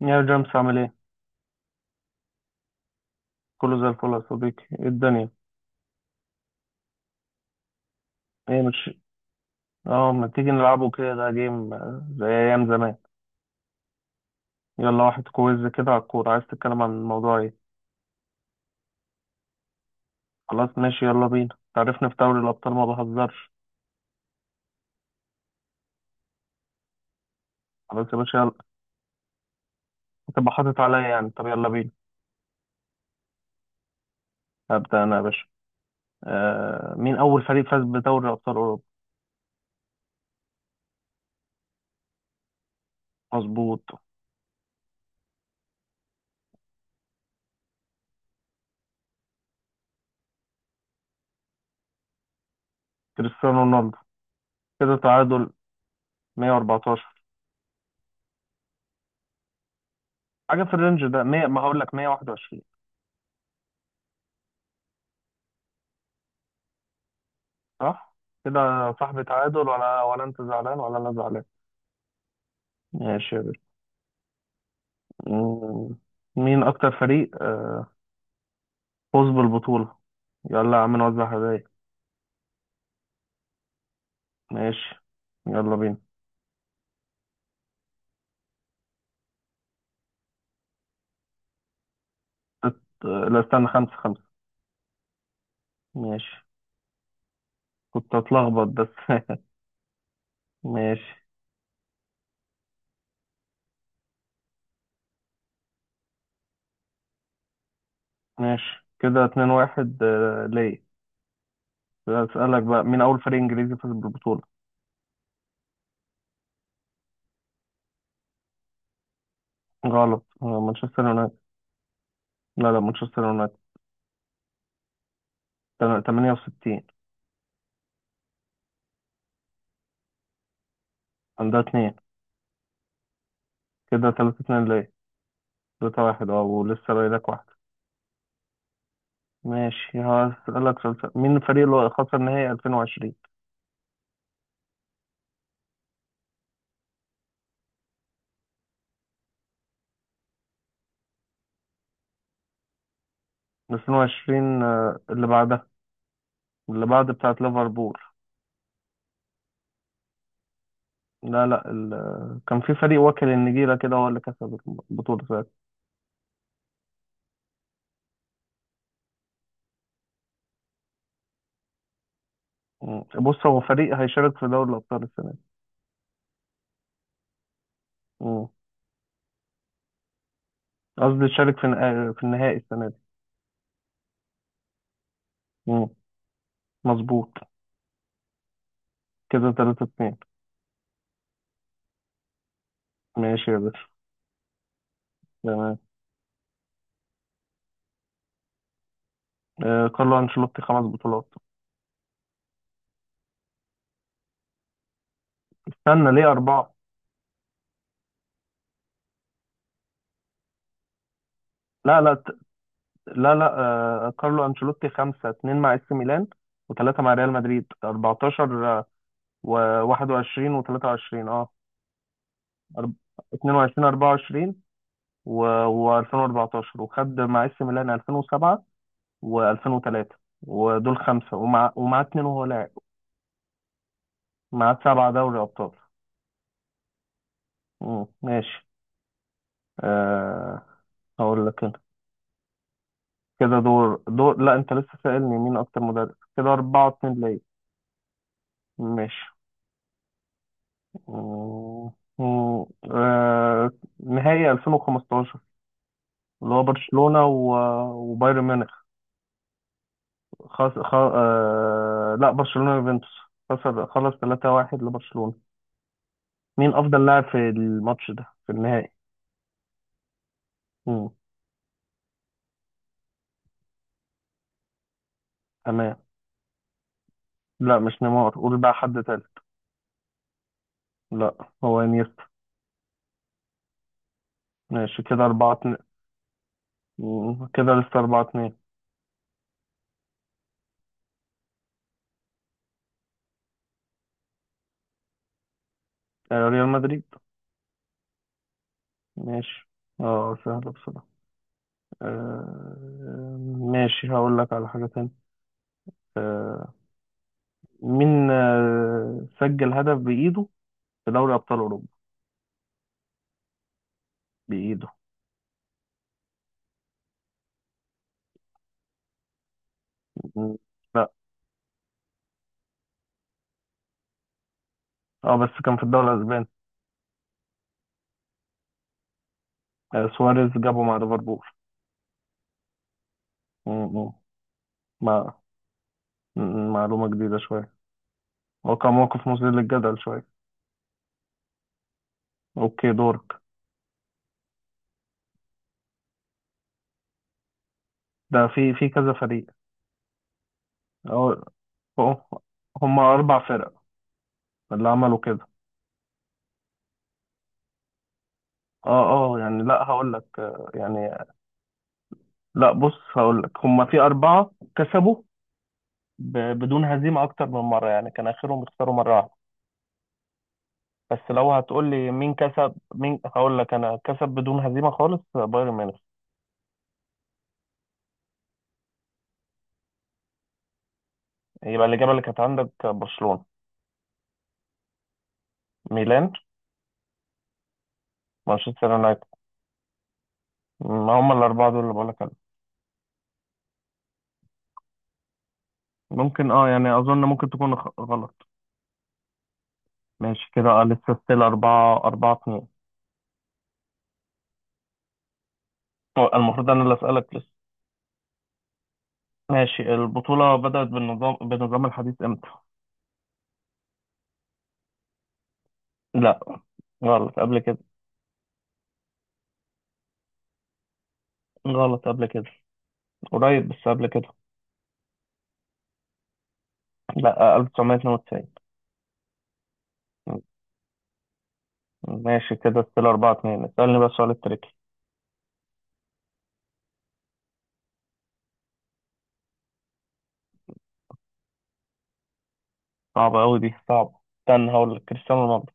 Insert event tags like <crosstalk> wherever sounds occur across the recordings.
يا جيمس، عامل ايه؟ كله زي الفل يا صديقي، ايه الدنيا؟ ايه مش اه ما تيجي نلعبه كده، ده جيم، زي ايام زمان. يلا واحد كويز كده على الكورة، عايز تتكلم عن الموضوع ايه؟ خلاص ماشي، يلا بينا. تعرفني في دوري الأبطال ما بهزرش. خلاص يا باشا، يلا. هتبقى حاطط عليا يعني، طب يلا بينا. هبدأ أنا يا باشا. مين أول فريق فاز بدوري أبطال أوروبا؟ مظبوط. كريستيانو رونالدو. كده تعادل. 114. حاجة في الرينج ده. 100، ما هقول لك 121. صح، كده يا صاحبي تعادل، ولا انت زعلان ولا انا زعلان؟ ماشي يا باشا. مم. مين اكتر فريق فوز بالبطولة. يلا يا عم نوزع هدايا. ماشي يلا بينا. ست... آه، لا استنى، خمسة خمسة. ماشي. كنت اتلخبط بس. <laughs> ماشي. ماشي، كده اتنين واحد ليا. اسألك بقى، مين أول فريق إنجليزي فاز بالبطولة؟ غلط. مانشستر يونايتد. لا لا، مانشستر يونايتد. 68. عندها اتنين. كده تلاتة اتنين ليا. ثلاثة واحد ولسه باقي لك واحدة. ماشي. هسألك سؤال سهل. مين الفريق اللي خسر نهائي 2020؟ 2020؟ اللي بعدها. اللي بعد بتاعة ليفربول. لا لا، كان في فريق واكل النجيلة كده، هو اللي كسب البطولة ساعتها. مم. بص، هو فريق هيشارك في دوري الأبطال السنة دي. مم. قصدي يشارك في النهائي السنة دي. مم. مظبوط. كده 3-2. ماشي يا باشا. تمام. كارلو أنشيلوتي خمس بطولات. استنى، ليه أربعة؟ لا لا. لا لا. كارلو أنشيلوتي خمسة. اتنين مع اس ميلان، وثلاثة مع ريال مدريد. 14 و21 و23، أرب- 22 24، و2014، وخد مع اس ميلان 2007 و2003. ودول خمسة، ومع اتنين وهو لاعب. مع سبعة دوري أبطال. مم، ماشي. آه هقول لك أنا. كده دور. لا، أنت لسه سائلني مين أكتر مدرب. كده أربعة اتنين ليا. ماشي. مم. مم. آه، نهائي 2015، اللي هو برشلونة وبايرن ميونخ. لا، برشلونة يوفنتوس. خسر. خلص 3-1 لبرشلونة. مين أفضل لاعب في الماتش ده، في النهائي؟ مم. تمام. لا مش نيمار، قول بقى حد تاني. لا، هو انيستا. ماشي كده 4-2. كده لسه 4-2. ريال مدريد. ماشي. اه، سهلة بصراحة. ماشي، هقول لك على حاجة تانية. آه، مين سجل هدف بإيده في دوري أبطال أوروبا؟ بإيده. مم. لا. اه بس كان في الدوري الأسباني. سواريز جابه مع ليفربول. مم، مم. مع معلومة جديدة شوية. هو كان موقف مثير للجدل شوية. أوكي، دورك. ده في في كذا فريق. اه اه. هما أربع فرق اللي عملوا كده. اه اه، يعني، لا هقول لك يعني. لا بص، هقول لك هما في أربعة كسبوا بدون هزيمة أكتر من مرة، يعني كان آخرهم يخسروا مرة واحدة. بس لو هتقول لي مين كسب، مين هقول لك انا كسب بدون هزيمه خالص، بايرن ميونخ. يبقى الاجابه اللي كانت عندك برشلونه. ميلان. مانشستر يونايتد. ما هم الاربعه دول اللي بقول لك عليهم. ممكن يعني، اظن ممكن تكون غلط. ماشي كده، لسه ستيل أربعة أربعة اتنين. هو المفروض أنا اللي أسألك لسه. ماشي. البطولة بدأت بالنظام الحديث إمتى؟ لا. غلط قبل كده. غلط قبل كده. قريب بس قبل كده. لا، 1992. ماشي كده، ستيل 4-2. اسألني بقى سؤال التريكي. صعبة أوي دي، صعبة. استنى، هقول لك كريستيانو رونالدو.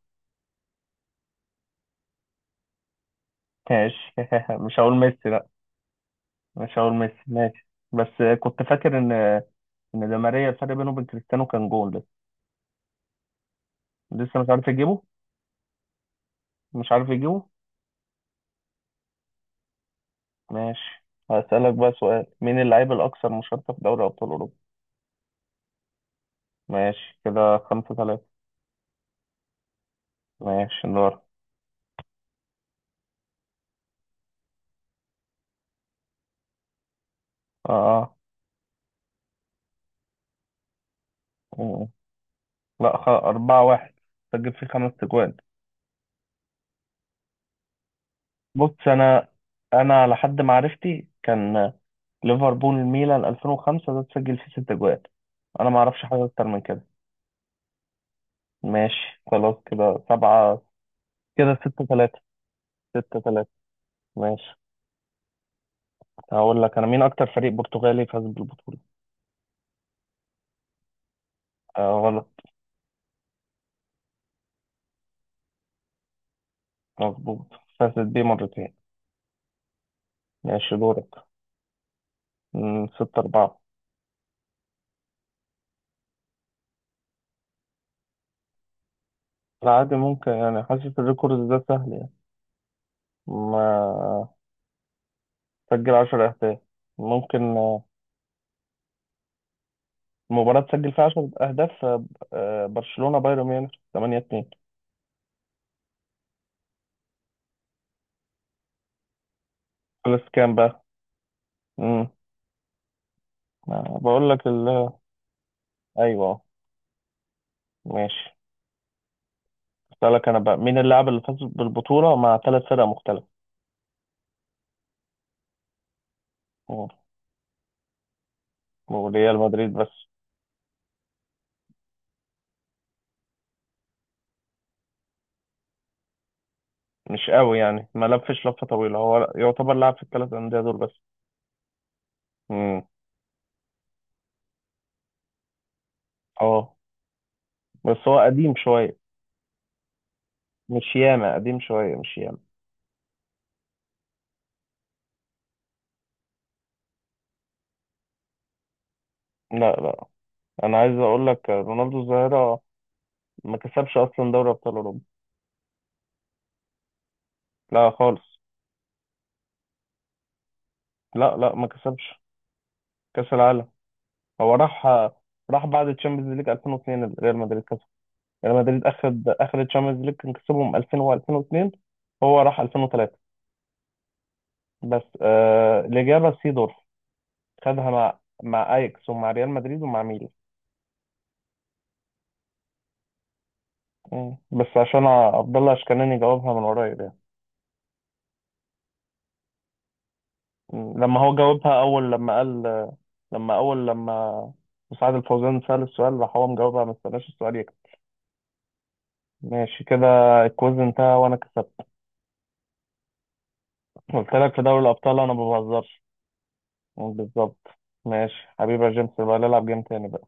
ماشي <laughs> مش هقول ميسي لأ. مش هقول ميسي. ماشي، بس كنت فاكر إن ده ماريا، الفرق بينه وبين كريستيانو كان جول لسه. لسه مش عارف يجيبه. مش عارف يجيبه. ماشي، هسألك بقى سؤال. مين اللاعب الأكثر مشاركة في دوري أبطال أوروبا؟ ماشي كده خمسة ثلاثة. ماشي دور. آه آه لا، أربعة واحد. سجل فيه خمس تجوان. بص انا على حد معرفتي كان ليفربول ميلان 2005، ده تسجل فيه ست اجوال. انا ما اعرفش حاجه اكتر من كده. ماشي خلاص. كده سبعة. كده ستة تلاتة. ستة تلاتة. ماشي. هقول لك انا، مين اكتر فريق برتغالي فاز بالبطوله؟ غلط. مظبوط. فازت بيه مرتين. ماشي دورك. ستة أربعة. لا عادي، ممكن يعني. حاسس الريكورد ده سهل يعني. ما سجل عشر أهداف ممكن، مباراة سجل فيها 10 أهداف. برشلونة بايرن ميونخ 8-2. خلص كام بقى؟ امم. بقول لك ال أيوه. ماشي. أسألك أنا بقى، مين اللاعب اللي فاز بالبطولة مع ثلاث فرق مختلفة؟ مم. وريال مدريد بس. مش قوي يعني، ما لفش لفة طويلة، هو يعتبر لاعب في الثلاث أندية دول بس. امم. اه بس هو قديم شوية. مش ياما قديم شوية، مش ياما. لا لا. أنا عايز أقول لك، رونالدو الظاهرة ما كسبش أصلا دوري أبطال أوروبا. لا خالص. لا لا ما كسبش. كاس العالم. هو راح. راح بعد تشامبيونز ليج 2002، ريال مدريد كسب. ريال مدريد اخد اخر تشامبيونز ليج، كان كسبهم 2000 و2002. هو راح 2003. بس الاجابه سيدورف. خدها مع اياكس ومع ريال مدريد ومع ميلان. بس عشان عبد الله اشكناني جاوبها من قريب يعني. لما هو جاوبها اول، لما قال، لما اول لما مساعد الفوزان سأل السؤال، راح هو مجاوبها، ما استناش السؤال يكمل. ماشي كده. الكويز انتهى وانا كسبت. قلت لك في دوري الأبطال أنا ما بهزرش. بالظبط. ماشي حبيبي يا جيمس، يبقى نلعب جيم تاني بقى.